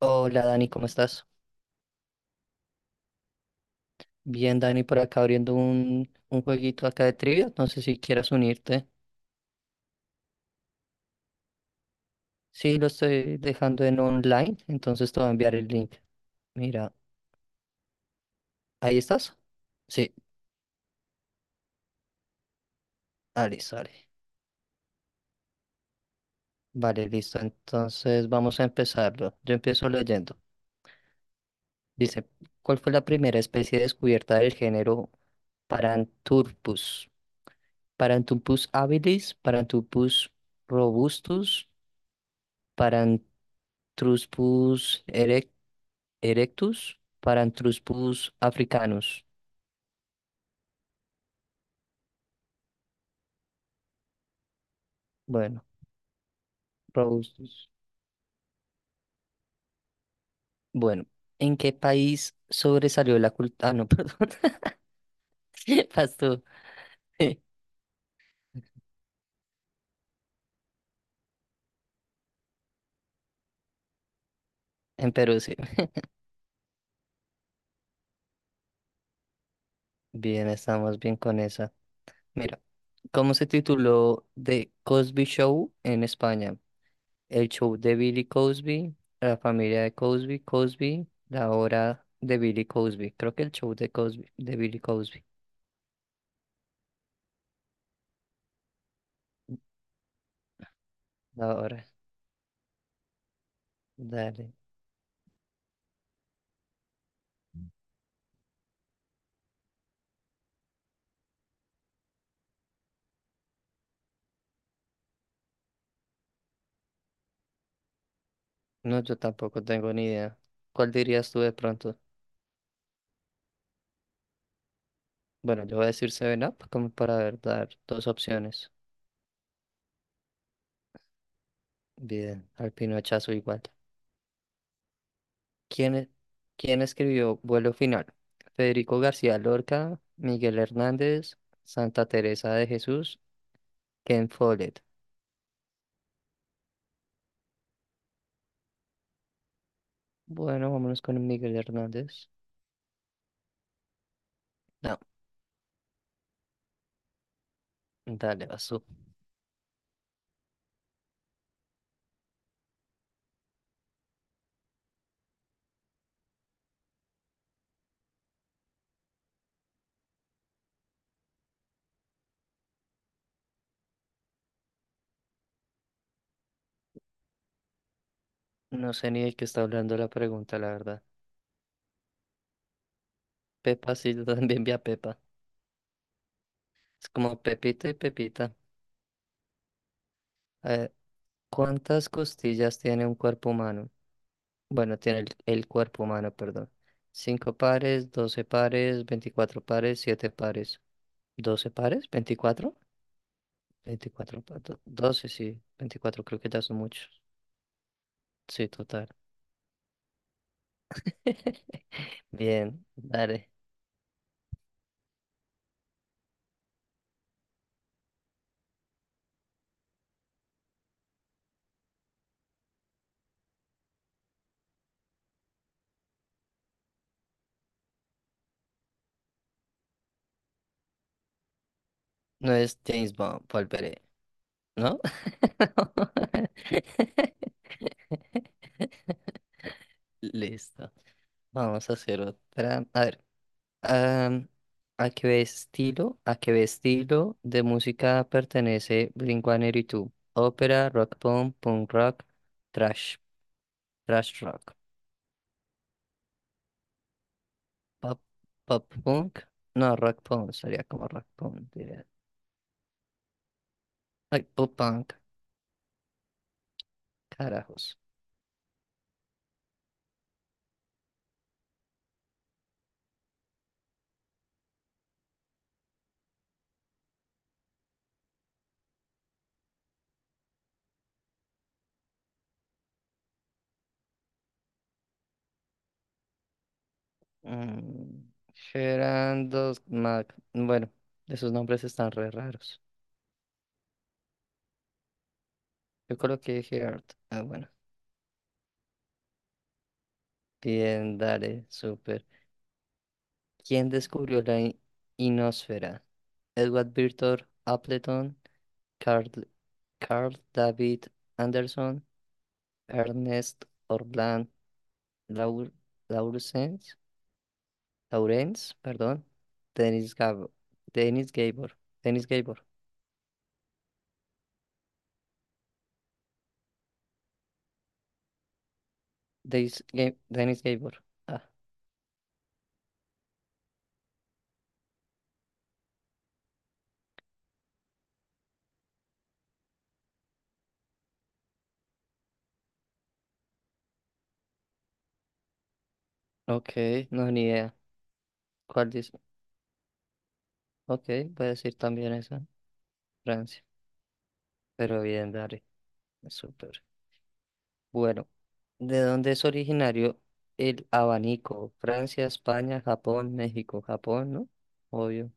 Hola Dani, ¿cómo estás? Bien, Dani, por acá abriendo un jueguito acá de trivia. No sé si quieras unirte. Sí, lo estoy dejando en online, entonces te voy a enviar el link. Mira, ¿ahí estás? Sí, ah, listo, vale. Vale, listo. Entonces vamos a empezarlo. Yo empiezo leyendo. Dice, ¿cuál fue la primera especie descubierta del género Paranthropus? Paranthropus habilis, Paranthropus robustus, Paranthropus Erectus, Paranthropus africanus. Bueno, robustus. Bueno, ¿en qué país sobresalió la cultura? Ah, no, perdón. Pasó. En Perú, sí. Bien, estamos bien con esa. Mira, ¿cómo se tituló The Cosby Show en España? El show de Billy Cosby, la familia de Cosby, Cosby, la hora de Billy Cosby. Creo que el show de Cosby, de Billy Cosby. La hora. Dale. No, yo tampoco tengo ni idea. ¿Cuál dirías tú de pronto? Bueno, yo voy a decir Seven Up como para ver, dar dos opciones. Bien, al pinochazo igual. ¿Quién, e- quién escribió Vuelo Final? Federico García Lorca, Miguel Hernández, Santa Teresa de Jesús, Ken Follett. Bueno, vámonos con Miguel Hernández. No, dale, vas tú. No sé ni de qué está hablando la pregunta, la verdad. Pepa, sí, yo también vi a Pepa. Es como Pepita y Pepita. ¿Cuántas costillas tiene un cuerpo humano? Bueno, tiene el cuerpo humano, perdón. ¿Cinco pares, 12 pares, 24 pares, siete pares. Doce pares? Veinticuatro, 12, sí. Veinticuatro creo que ya son muchos. Sí, total. Bien, dale. No es James Bond, volveré, ¿no? Listo. Vamos a hacer otra. A ver. Am, a qué estilo de música pertenece Blink-182? Ópera, rock punk, punk rock, trash, trash rock, pop, pop punk, no, rock punk, sería como rock punk, diría. Ay, pop punk, carajos. Mm, Gerard dos Mac, bueno, esos nombres están re raros. Yo coloqué Gerard, ah, bueno, bien, dale, súper. ¿Quién descubrió la inosfera? Edward Victor Appleton, Carl, Carl David Anderson, Ernest Orland Laur, Laurens, Laurens, perdón, Dennis Gabor, Dennis Gabor, Dennis Gabor, Dennis Gabor. Ah, ok, no, ni idea. ¿Cuál dice? Ok, voy a decir también esa, Francia, pero bien, dale, súper. Bueno, ¿de dónde es originario el abanico? Francia, España, Japón, México, Japón, ¿no? Obvio.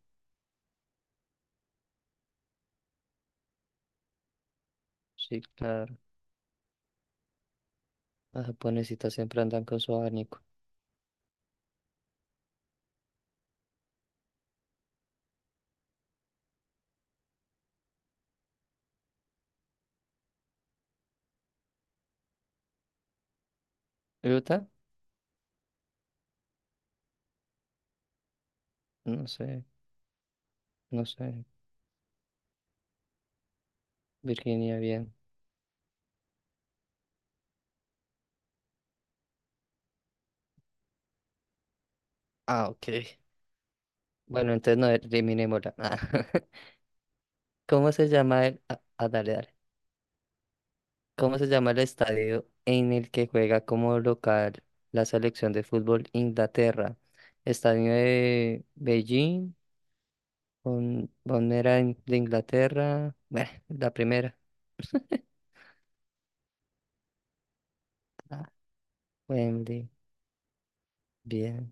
Sí, claro. Las japonesitas siempre andan con su abanico. ¿Utah? No sé, no sé. Virginia, bien. Ah, ok. Bueno, entonces no eliminémosla. Ah, ¿Cómo se llama el... Ah, ah, dale, dale. ¿Cómo se llama el estadio en el que juega como local la selección de fútbol Inglaterra? ¿Estadio de Beijing? ¿ Bombonera de Inglaterra? Bueno, la primera. Ah, Wembley. Bien.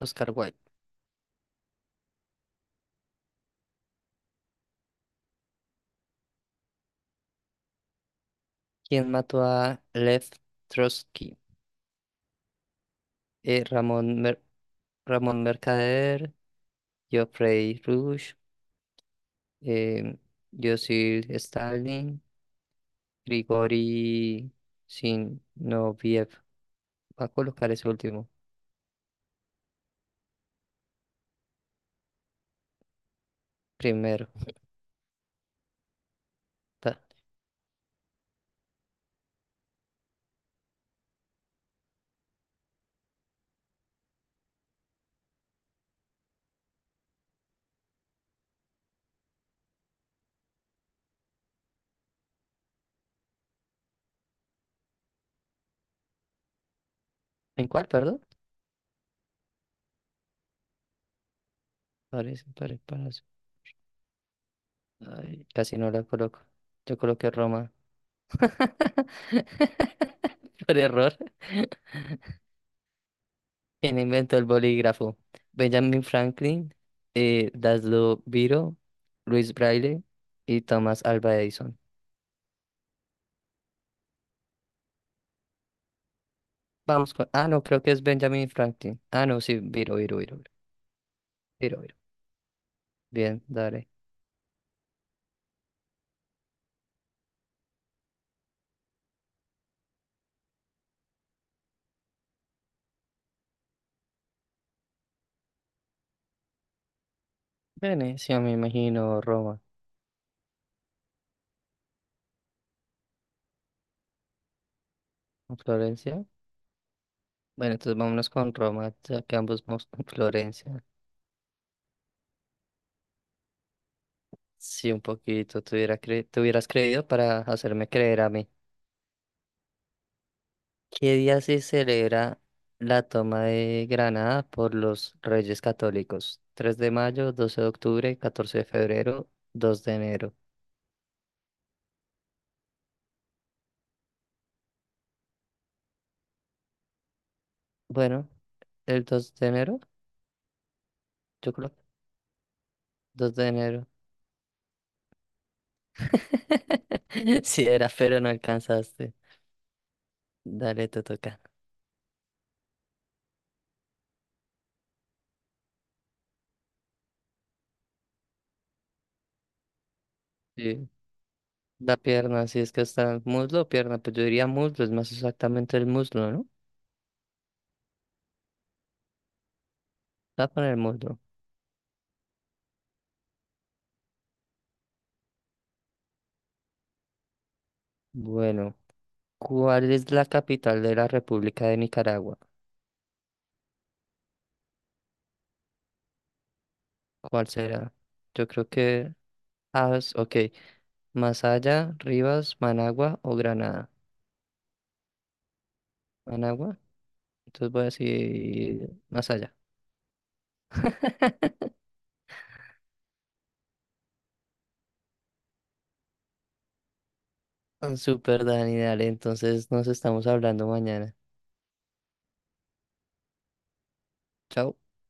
Oscar Wilde. ¿Quién mató a Lev Trotsky? Eh, Ramón, Mer- Ramón Mercader, Geoffrey Rush, eh, Joseph Stalin, Grigori Zinoviev. Va a colocar ese último primero. Ta- ¿En cuál, perdón? Parece, parece, parece. Ay, casi no la coloco. Yo coloqué Roma. Por error. ¿Quién inventó el bolígrafo? Benjamin Franklin, Daslo Viro, Luis Braille y Thomas Alva Edison. Vamos con... Ah, no, creo que es Benjamin Franklin. Ah, no, sí, Viro. Viro. Bien, dale. Venecia, me imagino, Roma. ¿O Florencia? Bueno, entonces vámonos con Roma, ya que ambos vamos con Florencia. Sí, un poquito, te hubieras creído para hacerme creer a mí. ¿Qué día se celebra la toma de Granada por los Reyes Católicos? 3 de mayo, 12 de octubre, 14 de febrero, 2 de enero. Bueno, el dos de enero, yo creo que 2 de enero. Sí era, pero no alcanzaste. Dale, te toca. Sí, la pierna, si es que está muslo o pierna, pues yo diría muslo, es más exactamente el muslo, ¿no? Está con el muslo. Bueno, ¿cuál es la capital de la República de Nicaragua? ¿Cuál será? Yo creo que... Ah, es- ok. Masaya, Rivas, Managua o Granada. Managua. Entonces voy a decir Masaya. Ah, Super Dani, dale. Entonces nos estamos hablando mañana. Chao.